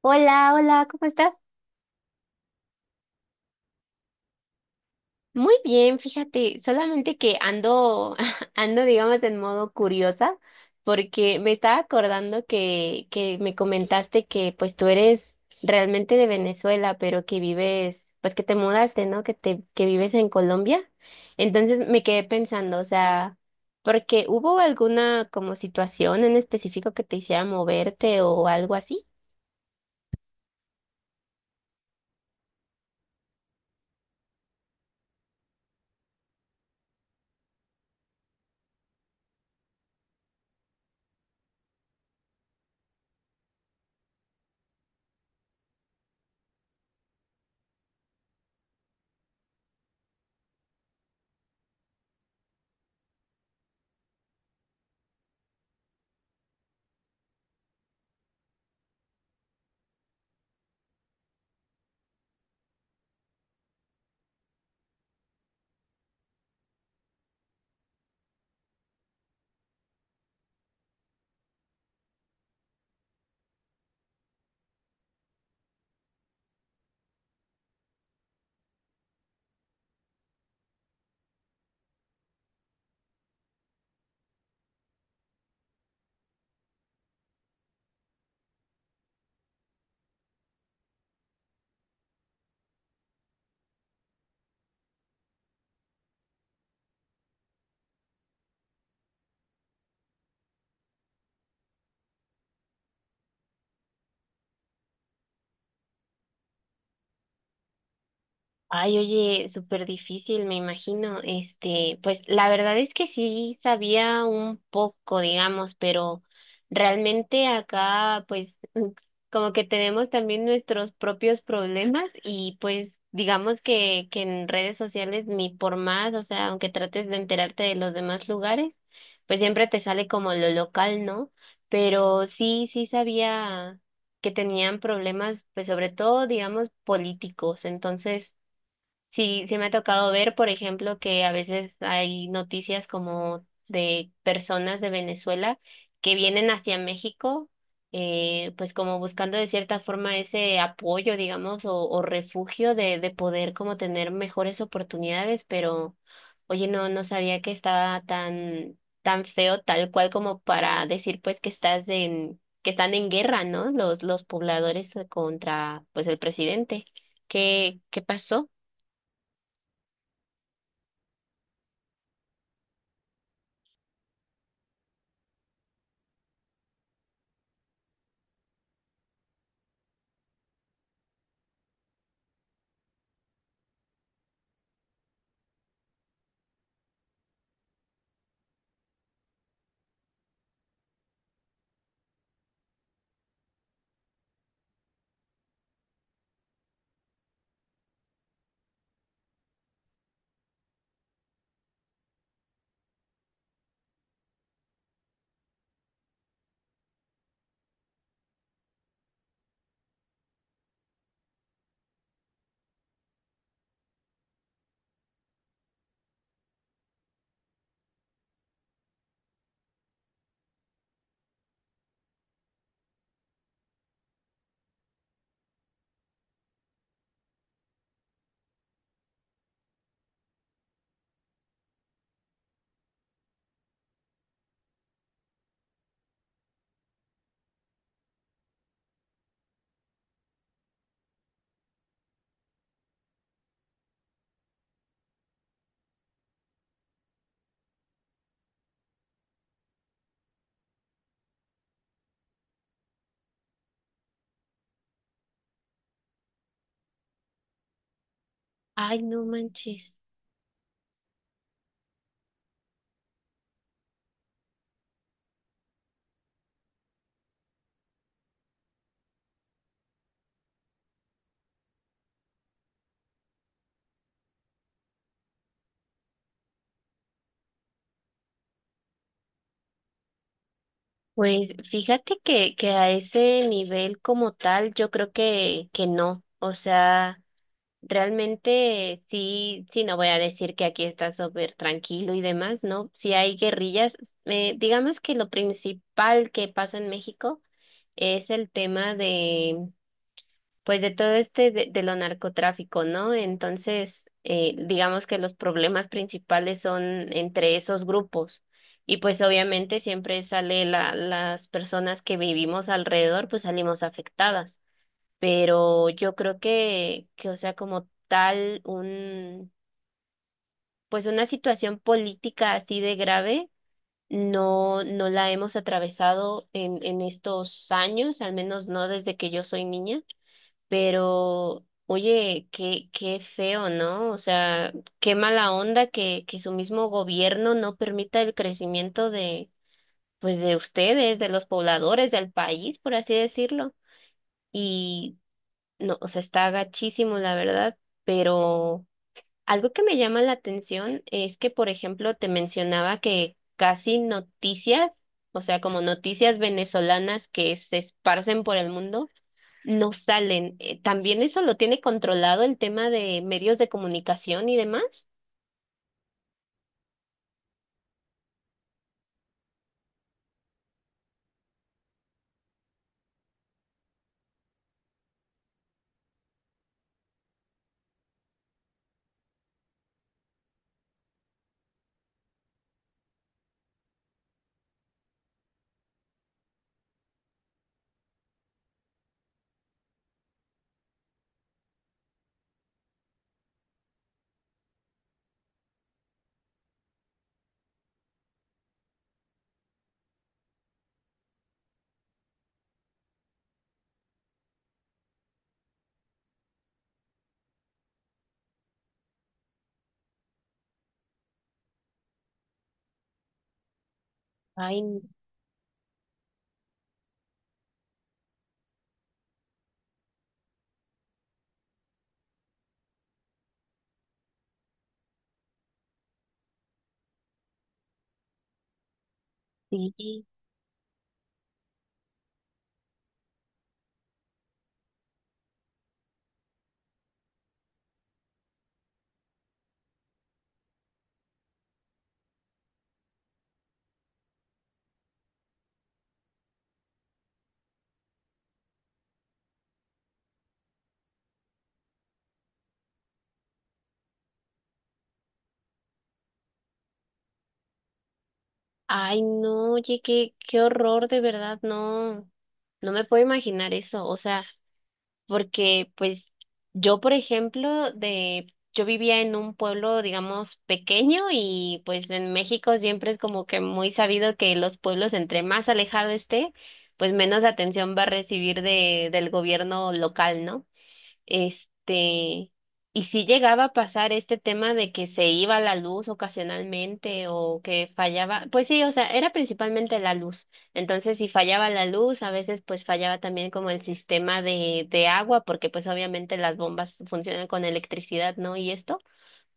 Hola, hola, ¿cómo estás? Muy bien, fíjate, solamente que ando, ando, digamos, en modo curiosa, porque me estaba acordando que me comentaste que pues tú eres realmente de Venezuela, pero que vives, pues que te mudaste, ¿no? Que vives en Colombia. Entonces me quedé pensando, o sea, porque hubo alguna como situación en específico que te hiciera moverte o algo así. Ay, oye, súper difícil, me imagino. Este, pues la verdad es que sí sabía un poco, digamos, pero realmente acá, pues, como que tenemos también nuestros propios problemas y pues digamos que en redes sociales ni por más, o sea, aunque trates de enterarte de los demás lugares, pues siempre te sale como lo local, ¿no? Pero sí, sí sabía que tenían problemas, pues sobre todo, digamos, políticos. Entonces, sí, sí me ha tocado ver, por ejemplo, que a veces hay noticias como de personas de Venezuela que vienen hacia México, pues como buscando de cierta forma ese apoyo, digamos, o refugio de poder como tener mejores oportunidades, pero oye, no, no sabía que estaba tan, tan feo, tal cual como para decir pues que estás en, que están en guerra, ¿no? Los pobladores contra pues el presidente. ¿Qué, qué pasó? Ay, no manches. Pues fíjate que a ese nivel como tal, yo creo que no. O sea, realmente sí, sí, no voy a decir que aquí está súper tranquilo y demás, ¿no? Si hay guerrillas. Digamos que lo principal que pasa en México es el tema pues de todo este de lo narcotráfico, ¿no? Entonces, digamos que los problemas principales son entre esos grupos. Y pues obviamente siempre sale la, las personas que vivimos alrededor, pues salimos afectadas. Pero yo creo que, o sea, como tal, un, pues una situación política así de grave, no, no la hemos atravesado en estos años, al menos no desde que yo soy niña. Pero, oye, qué, qué feo, ¿no? O sea, qué mala onda que su mismo gobierno no permita el crecimiento de, pues, de ustedes, de los pobladores, del país, por así decirlo. Y, no, o sea, está gachísimo, la verdad, pero algo que me llama la atención es que, por ejemplo, te mencionaba que casi noticias, o sea, como noticias venezolanas que se esparcen por el mundo no salen. ¿También eso lo tiene controlado el tema de medios de comunicación y demás? Ay, sí. Ay, no, oye, qué, qué horror, de verdad, no, no me puedo imaginar eso. O sea, porque pues yo, por ejemplo, de, yo vivía en un pueblo, digamos, pequeño y pues en México siempre es como que muy sabido que los pueblos entre más alejado esté, pues menos atención va a recibir de, del gobierno local, ¿no? Este, y si llegaba a pasar este tema de que se iba la luz ocasionalmente o que fallaba, pues sí, o sea, era principalmente la luz. Entonces, si fallaba la luz, a veces pues fallaba también como el sistema de agua, porque pues obviamente las bombas funcionan con electricidad, ¿no? Y esto,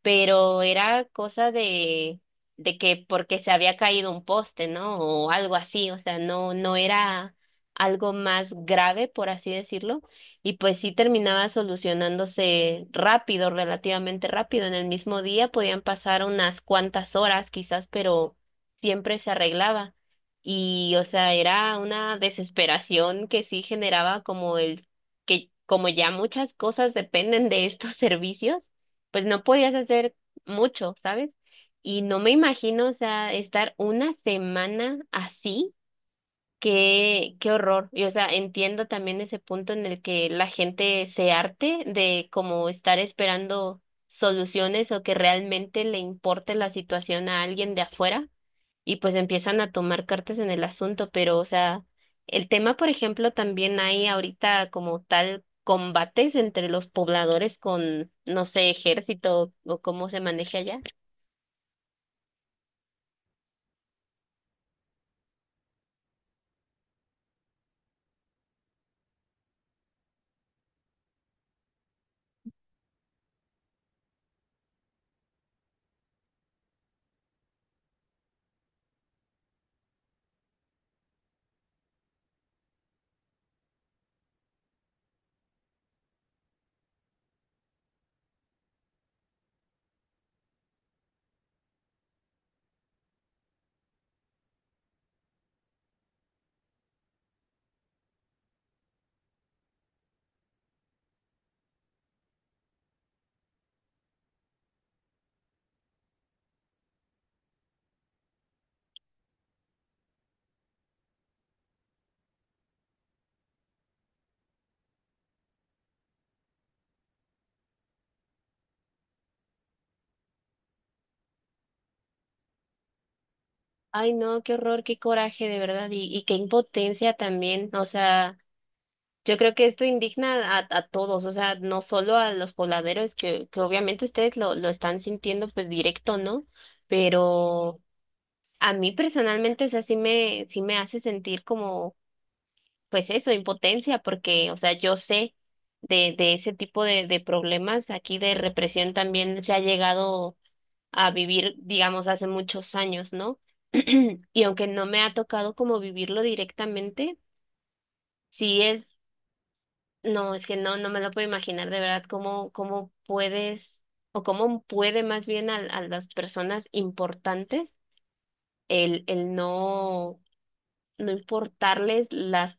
pero era cosa de que porque se había caído un poste, ¿no? O algo así, o sea, no, no era algo más grave, por así decirlo, y pues sí terminaba solucionándose rápido, relativamente rápido. En el mismo día podían pasar unas cuantas horas quizás, pero siempre se arreglaba. Y, o sea, era una desesperación que sí generaba como el que como ya muchas cosas dependen de estos servicios, pues no podías hacer mucho, ¿sabes? Y no me imagino, o sea, estar una semana así, qué, qué horror. Y o sea, entiendo también ese punto en el que la gente se harte de como estar esperando soluciones o que realmente le importe la situación a alguien de afuera y pues empiezan a tomar cartas en el asunto, pero o sea, el tema, por ejemplo, también hay ahorita como tal combates entre los pobladores con, no sé, ejército o cómo se maneja allá. Ay, no, qué horror, qué coraje, de verdad, y qué impotencia también, o sea, yo creo que esto indigna a todos, o sea, no solo a los pobladores, que obviamente ustedes lo están sintiendo pues directo, ¿no? Pero... a mí personalmente, o sea, sí me hace sentir como pues eso, impotencia, porque, o sea, yo sé de ese tipo de problemas aquí de represión también se ha llegado a vivir, digamos, hace muchos años, ¿no? Y aunque no me ha tocado como vivirlo directamente, sí es, no, es que no, no me lo puedo imaginar de verdad cómo, cómo puedes, o cómo puede más bien a las personas importantes el no, no importarles las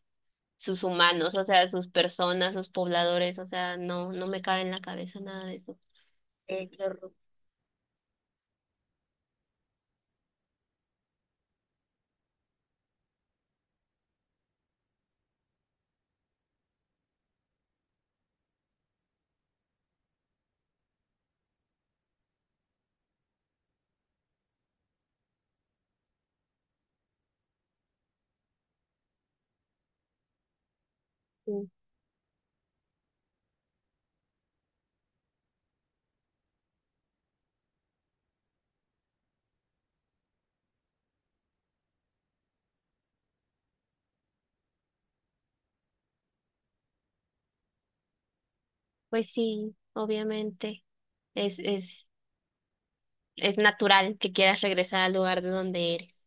sus humanos, o sea, sus personas, sus pobladores, o sea, no, no me cabe en la cabeza nada de eso. Qué horror. Sí. Pues sí, obviamente, es, es, es natural que quieras regresar al lugar de donde eres,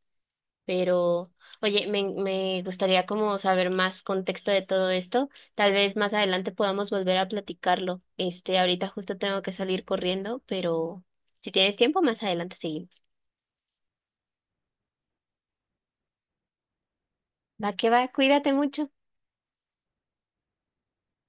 pero, oye, me gustaría como saber más contexto de todo esto, tal vez más adelante podamos volver a platicarlo, este, ahorita justo tengo que salir corriendo, pero si tienes tiempo, más adelante seguimos. Va que va, cuídate mucho.